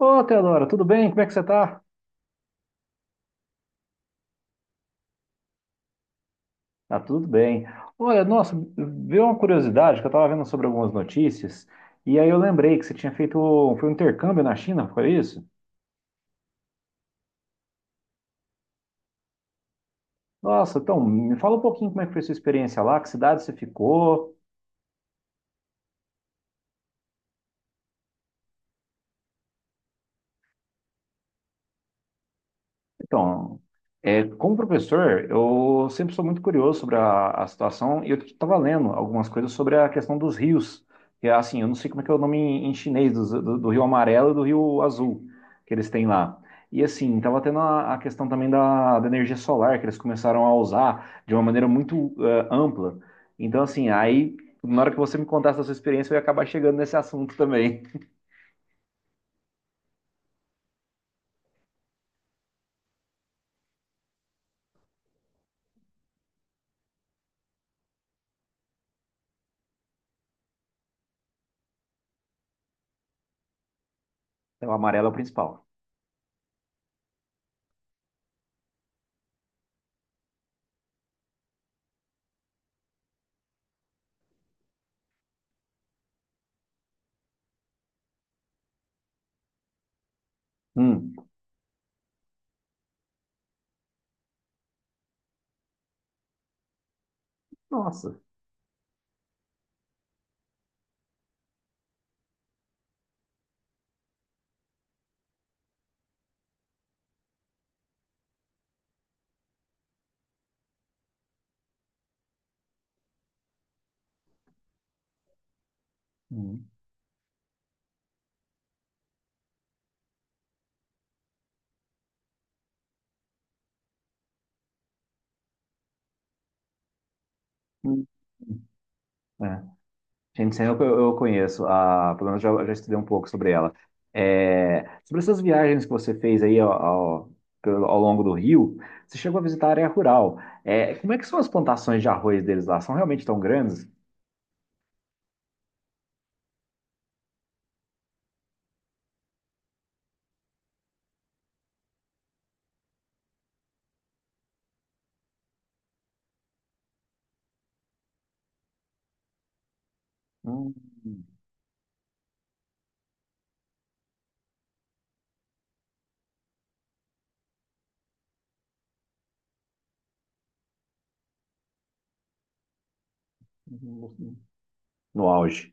Ô, Teodora, tudo bem? Como é que você tá? Tá tudo bem. Olha, nossa, veio uma curiosidade que eu tava vendo sobre algumas notícias, e aí eu lembrei que você tinha feito, foi um intercâmbio na China, foi isso? Nossa, então, me fala um pouquinho como é que foi a sua experiência lá, que cidade você ficou. Então, como professor, eu sempre sou muito curioso sobre a situação e eu estava lendo algumas coisas sobre a questão dos rios. E assim, eu não sei como é que é o nome em chinês, do Rio Amarelo e do Rio Azul que eles têm lá. E assim, estava tendo a questão também da energia solar, que eles começaram a usar de uma maneira muito ampla. Então, assim, aí, na hora que você me contasse a sua experiência, eu ia acabar chegando nesse assunto também. O amarelo é o principal. Hum. Nossa. Hum. Hum. Hum. É. Gente, eu conheço, a, pelo menos já estudei um pouco sobre ela. É, sobre essas viagens que você fez aí ao longo do Rio, você chegou a visitar a área rural. É, como é que são as plantações de arroz deles lá? São realmente tão grandes? Hum, no auge.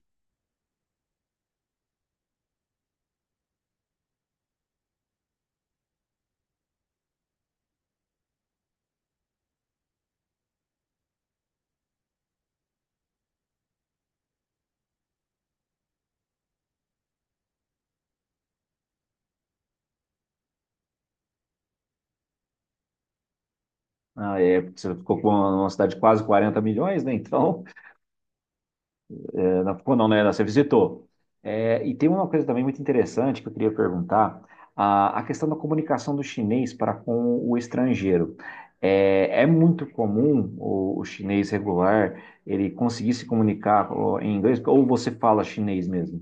Ah, é, você ficou com uma cidade de quase 40 milhões, né? Então, é. Não ficou, não, né? Você visitou. É, e tem uma coisa também muito interessante que eu queria perguntar: a questão da comunicação do chinês para com o estrangeiro. É, é muito comum o chinês regular ele conseguir se comunicar ó, em inglês, ou você fala chinês mesmo?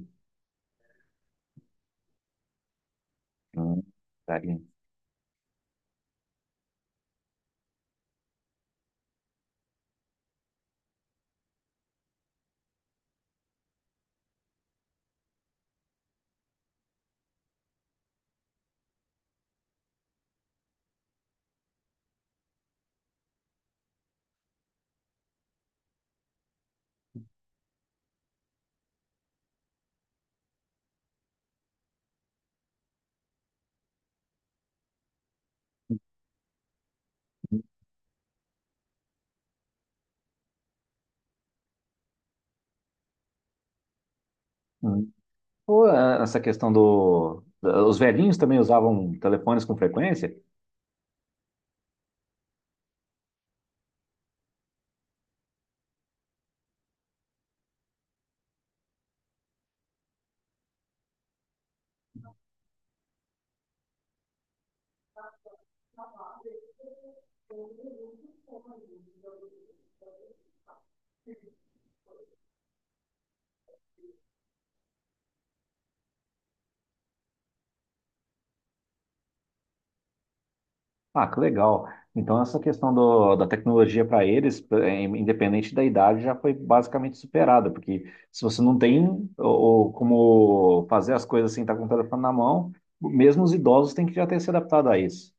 Hum, tá aí. Hum. Ou essa questão do. Da- Os velhinhos também usavam telefones com frequência? Ah, que legal. Então, essa questão da tecnologia para eles, independente da idade, já foi basicamente superada, porque se você não tem ou, ou como fazer as coisas sem estar com o telefone na mão, mesmo os idosos têm que já ter se adaptado a isso.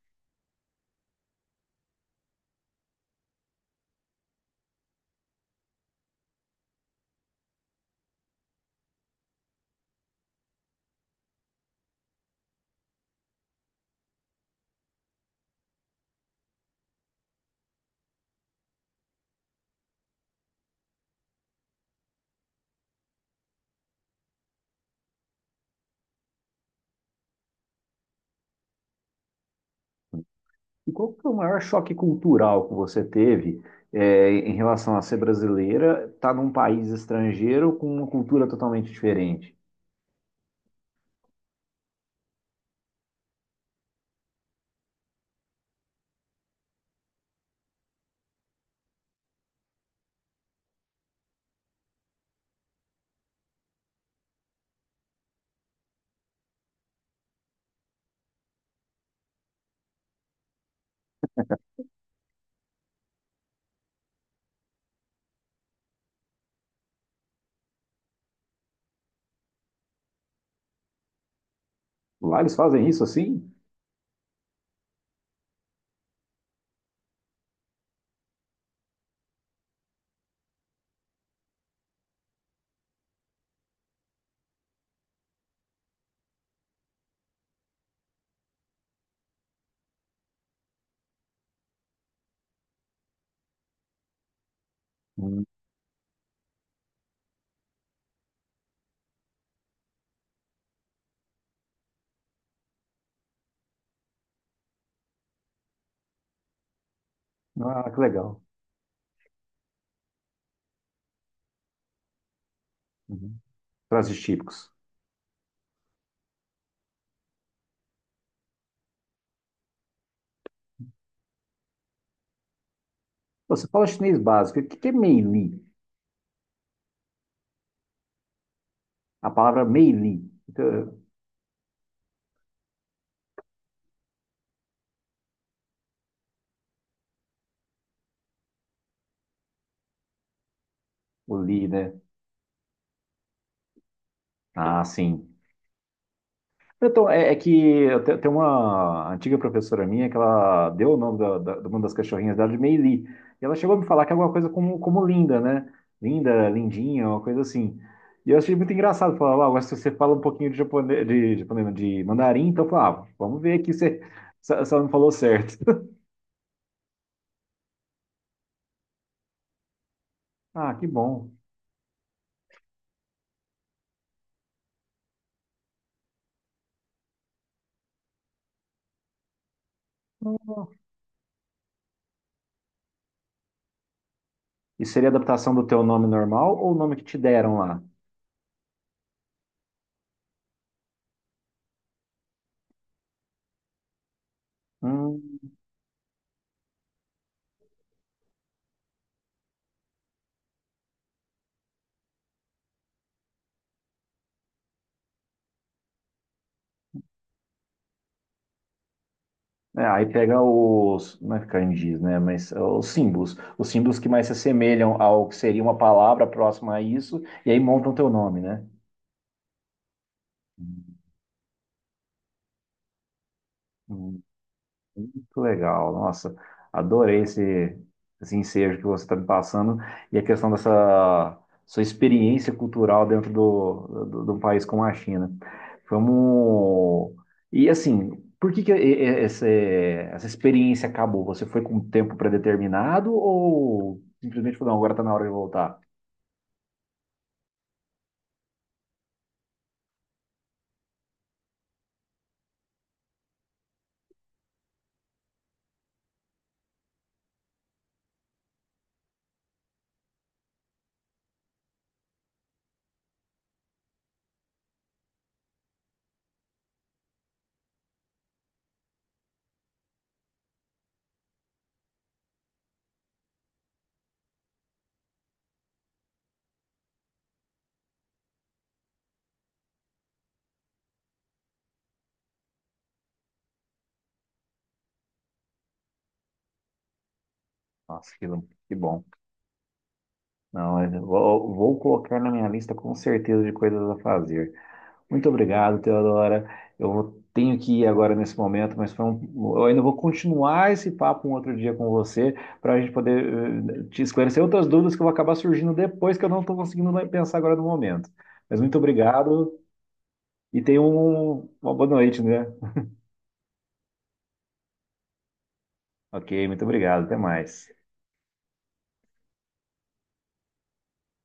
E qual que foi o maior choque cultural que você teve, em relação a ser brasileira, estar num país estrangeiro com uma cultura totalmente diferente? Lá eles fazem isso assim? Hum. Ah, que legal. Uhum. Pratos típicos. Você fala chinês básico. O que que é meili? A palavra meili. Então, o li, né? Ah, sim. Então, é que tem uma antiga professora minha que ela deu o nome de uma das cachorrinhas dela de Meili. E ela chegou a me falar que é alguma coisa como, como linda, né? Linda, lindinha, uma coisa assim. E eu achei muito engraçado. Falar, ah, agora se você fala um pouquinho de, japonês, não, de mandarim, então eu falava, ah, vamos ver aqui se, se ela me falou certo. Ah, que bom. E seria adaptação do teu nome normal ou o nome que te deram lá? Hum, é, aí pega os, não é kanjis, né? Mas é, os símbolos. Os símbolos que mais se assemelham ao que seria uma palavra próxima a isso, e aí montam teu nome, né? Hum, hum. Muito legal, nossa, adorei esse, esse ensejo que você está me passando e a questão dessa sua experiência cultural dentro de um país como a China. Vamos. E assim, por que que essa experiência acabou? Você foi com um tempo predeterminado ou simplesmente falou, não, agora está na hora de voltar? Nossa, que bom. Não, vou colocar na minha lista com certeza de coisas a fazer. Muito obrigado, Teodora. Tenho que ir agora nesse momento, mas eu ainda vou continuar esse papo um outro dia com você para a gente poder te esclarecer outras dúvidas que vão acabar surgindo depois que eu não estou conseguindo pensar agora no momento. Mas muito obrigado e tenha uma boa noite, né? Ok, muito obrigado. Até mais.